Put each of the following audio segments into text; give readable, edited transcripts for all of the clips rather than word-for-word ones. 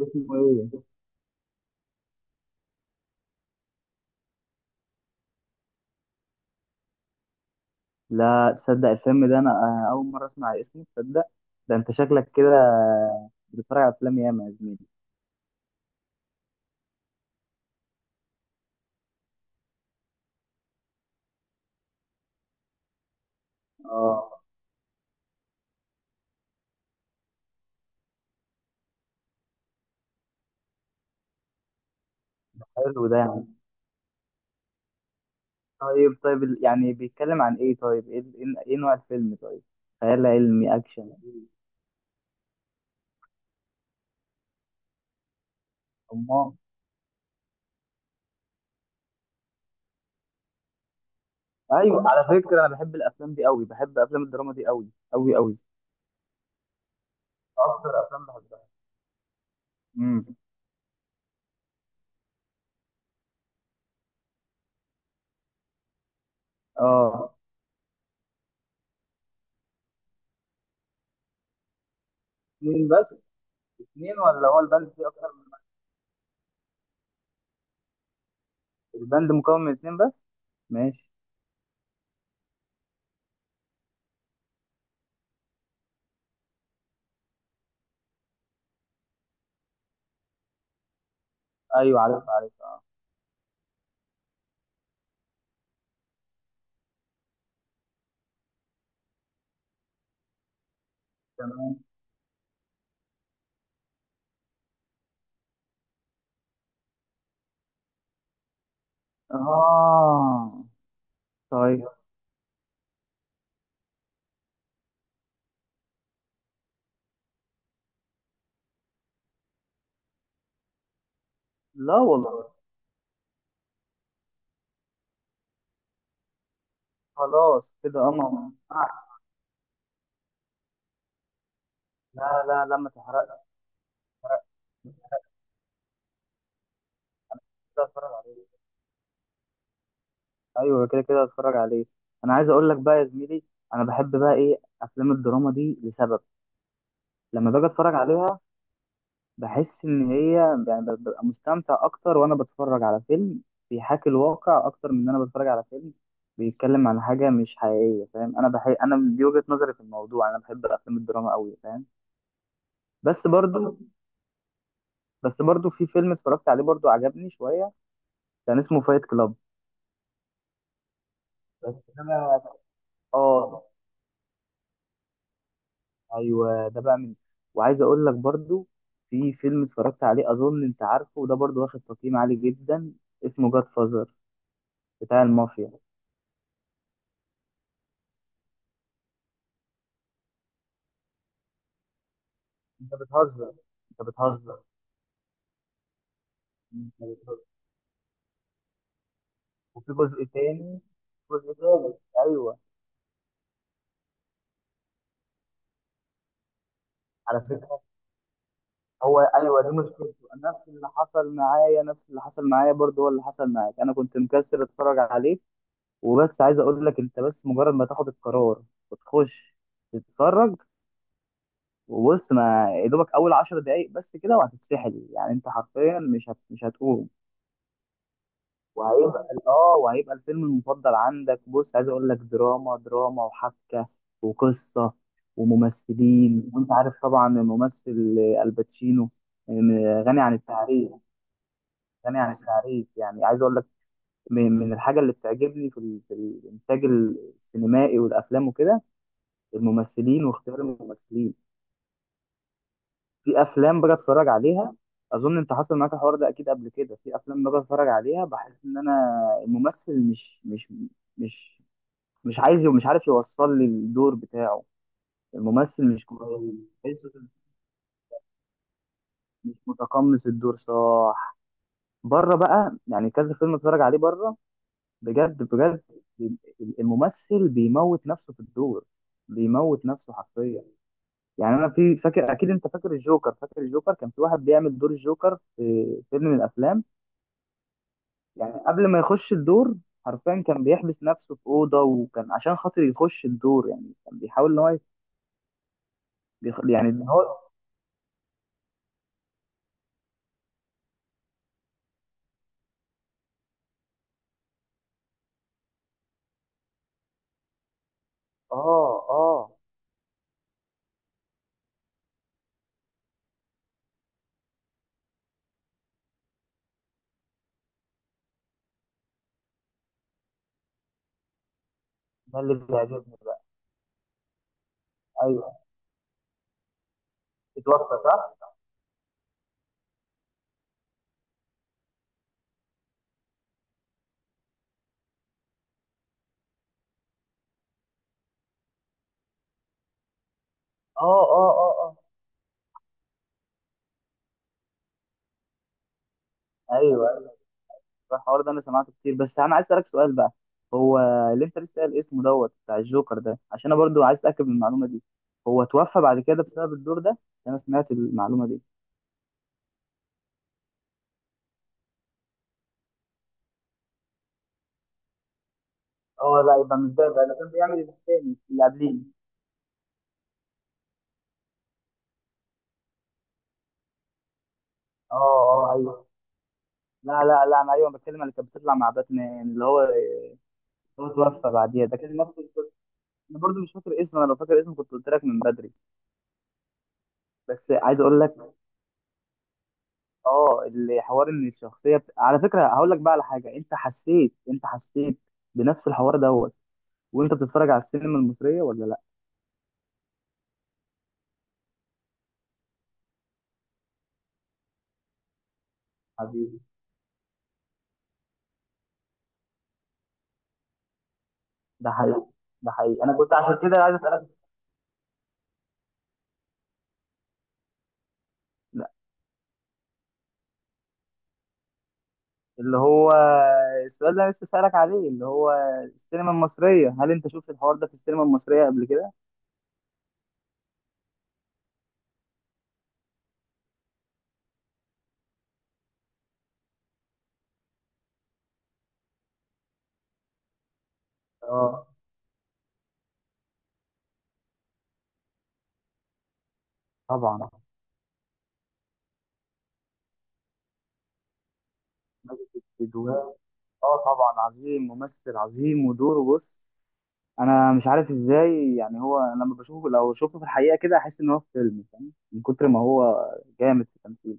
اسمه ايه؟ لا تصدق الفيلم ده انا اول مره اسمع اسمه. تصدق ده انت شكلك كده بتتفرج على افلام ياما يا زميلي. اه، حلو ده يعني. طيب طيب، يعني بيتكلم عن ايه؟ طيب ايه ايه نوع الفيلم؟ طيب، خيال علمي؟ اكشن؟ امال. ايوه على فكره، انا بحب الافلام دي قوي، بحب افلام الدراما دي قوي قوي قوي، اكتر افلام بحبها. امم. اه. اثنين بس؟ اثنين ولا هو البند فيه اكتر من؟ البند مكون من اثنين بس؟ ماشي. ايوه عارف عارف. اه. تمام. اه. طيب. لا والله. خلاص كده انا. لا لا لا، ما تحرقش. كده اتفرج عليه. ايوه كده كده اتفرج عليه. انا عايز اقول لك بقى يا زميلي، انا بحب بقى ايه افلام الدراما دي لسبب. لما باجي اتفرج عليها بحس ان هي، يعني ببقى مستمتع اكتر وانا بتفرج على فيلم بيحاكي الواقع، اكتر من ان انا بتفرج على فيلم بيتكلم عن حاجه مش حقيقيه. فاهم، انا بحب انا دي وجهه نظري في الموضوع، انا بحب افلام الدراما قوي فاهم. بس برضو بس برضو في فيلم اتفرجت عليه برضو عجبني شويه، كان اسمه فايت كلاب. بس ده بقى- اه ايوه، ده بقى من. وعايز اقول لك برضو، في فيلم اتفرجت عليه اظن انت عارفه، وده برضو واخد تقييم عالي جدا، اسمه جاد فازر، بتاع المافيا. انت بتهزر، انت بتهزر، انت بتهزر. وفي جزء تاني، جزء تالت، ايوه. على فكره هو ايوه، دي مشكلته. نفس اللي حصل معايا، نفس اللي حصل معايا برضو هو اللي حصل معاك. انا كنت مكسر اتفرج عليه، وبس عايز اقول لك، انت بس مجرد ما تاخد القرار وتخش تتفرج وبص، ما يا دوبك اول 10 دقايق بس كده وهتتسحل. يعني انت حرفيا مش هتقوم. وهيبقى الفيلم المفضل عندك. بص عايز اقول لك، دراما دراما وحبكه وقصه وممثلين، وانت عارف طبعا الممثل الباتشينو، غني عن التعريف، غني عن التعريف. يعني عايز اقول لك، من الحاجه اللي بتعجبني في في الانتاج السينمائي والافلام وكده، الممثلين واختيار الممثلين. في افلام باجي اتفرج عليها، اظن انت حصل معاك الحوار ده اكيد قبل كده، في افلام باجي اتفرج عليها بحس ان انا الممثل مش مش عايز ومش عارف يوصل لي الدور بتاعه. الممثل مش كويس، تحسه مش متقمص الدور صح. بره بقى، يعني كذا فيلم اتفرج عليه بره، بجد بجد، الممثل بيموت نفسه في الدور، بيموت نفسه حرفيا. يعني انا في فاكر، اكيد انت فاكر الجوكر، فاكر الجوكر، كان في واحد بيعمل دور الجوكر في فيلم من الافلام. يعني قبل ما يخش الدور، حرفيا كان بيحبس نفسه في اوضه، وكان عشان خاطر يخش الدور يعني كان بيحاول ان هو يعني ان هو. اه اه. ده اللي بيعجبني بقى. ايوه. اتوفى صح؟ اه اه اه اه. ايوه الحوار ده انا سمعته كتير، بس انا عايز اسالك سؤال بقى. هو اللي انت لسه قايل اسمه دوت بتاع الجوكر ده، عشان انا برضو عايز اتاكد من المعلومه دي، هو توفى بعد كده بسبب الدور ده؟ انا سمعت المعلومه دي. اه لا، يبقى مش ده بقى، ده كان بيعمل الثاني اللي قبليه. اه اه. ايوه. لا لا لا، انا ايوه بتكلم اللي كانت بتطلع مع باتمان اللي هو، هو توفى بعديها. ده كان نفس القصة. انا برضو مش فاكر اسمه، انا لو فاكر اسمه كنت قلت لك من بدري. بس عايز اقول لك، اه، اللي حوار ان على فكره هقول لك بقى على حاجه، انت حسيت بنفس الحوار دوت وانت بتتفرج على السينما المصريه ولا لا؟ حبيبي. ده حقيقي. ده حقيقي، انا كنت عشان كده عايز اسالك. لا، اللي هو السؤال اللي انا لسه اسالك عليه، اللي هو السينما المصريه، هل انت شفت الحوار ده في السينما المصريه قبل كده؟ اه طبعا. ماجد الكدواني. اه طبعا، عظيم، ممثل عظيم ودوره بص، انا مش عارف ازاي. يعني هو، أنا لما بشوفه لو شفته في الحقيقه كده، احس ان هو في فيلم، فاهم؟ من كتر ما هو جامد في التمثيل.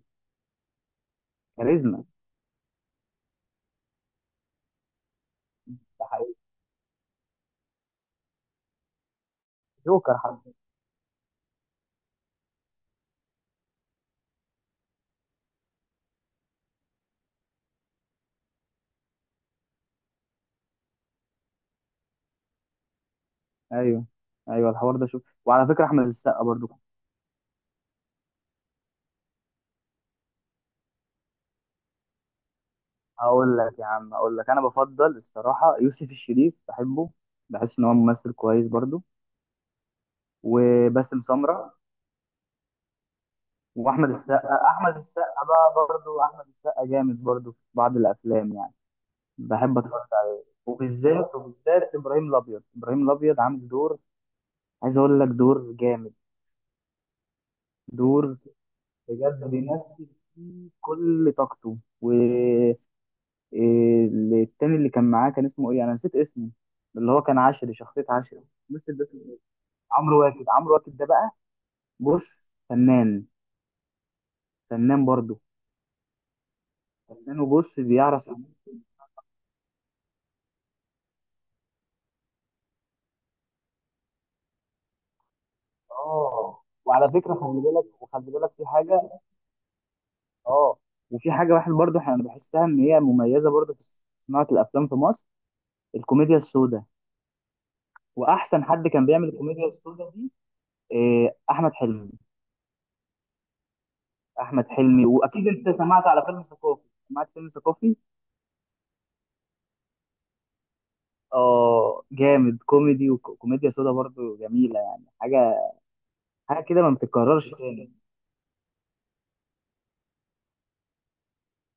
كاريزما. ده حقيقي. جوكر حتى. ايوه ايوه، الحوار ده شوف، وعلى فكره احمد السقا برضو. هقول لك يا عم، اقول لك انا بفضل الصراحه يوسف الشريف، بحبه، بحس ان هو ممثل كويس برضو. وباسم سمره. واحمد السقا، احمد السقا بقى برضو، احمد السقا جامد برضو في بعض الافلام يعني، بحب اتفرج عليه. وبالذات، ابراهيم الابيض، ابراهيم الابيض عامل دور، عايز اقول لك دور جامد، دور بجد بيمثل فيه كل طاقته. والتاني اللي كان معاه كان اسمه ايه؟ انا نسيت اسمه. اللي هو كان عشري، شخصية عشري، الممثل ده اسمه ايه؟ عمرو واكد، عمرو واكد ده بقى بص، فنان، فنان برضه، فنان، وبص بيعرف اه. وعلى فكرة خلي بالك، وخلي بالك في حاجة. اه. وفي حاجة واحد برضه انا بحسها ان هي مميزة برضه في صناعة الافلام في مصر، الكوميديا السوداء. واحسن حد كان بيعمل الكوميديا السوداء دي إيه، احمد حلمي. احمد حلمي، واكيد انت سمعت على فيلم ثقافي، سمعت فيلم ثقافي. اه جامد، كوميدي وكوميديا سودا برضو جميله، يعني حاجه حاجه كده ما بتتكررش تاني.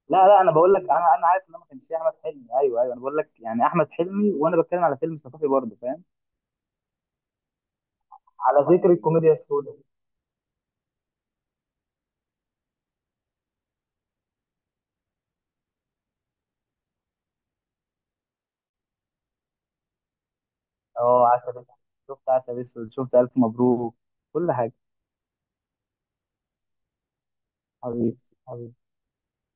لا لا، انا بقول لك، انا عارف ان أنا ما كانش فيه احمد حلمي، ايوه ايوه، انا بقول لك يعني احمد حلمي، وانا بتكلم على فيلم ثقافي برضو فاهم. على ذكر الكوميديا السودا. اه عسل اسود، شفت عسل اسود، شفت الف مبروك، كل حاجه. حبيبي. حبيبي.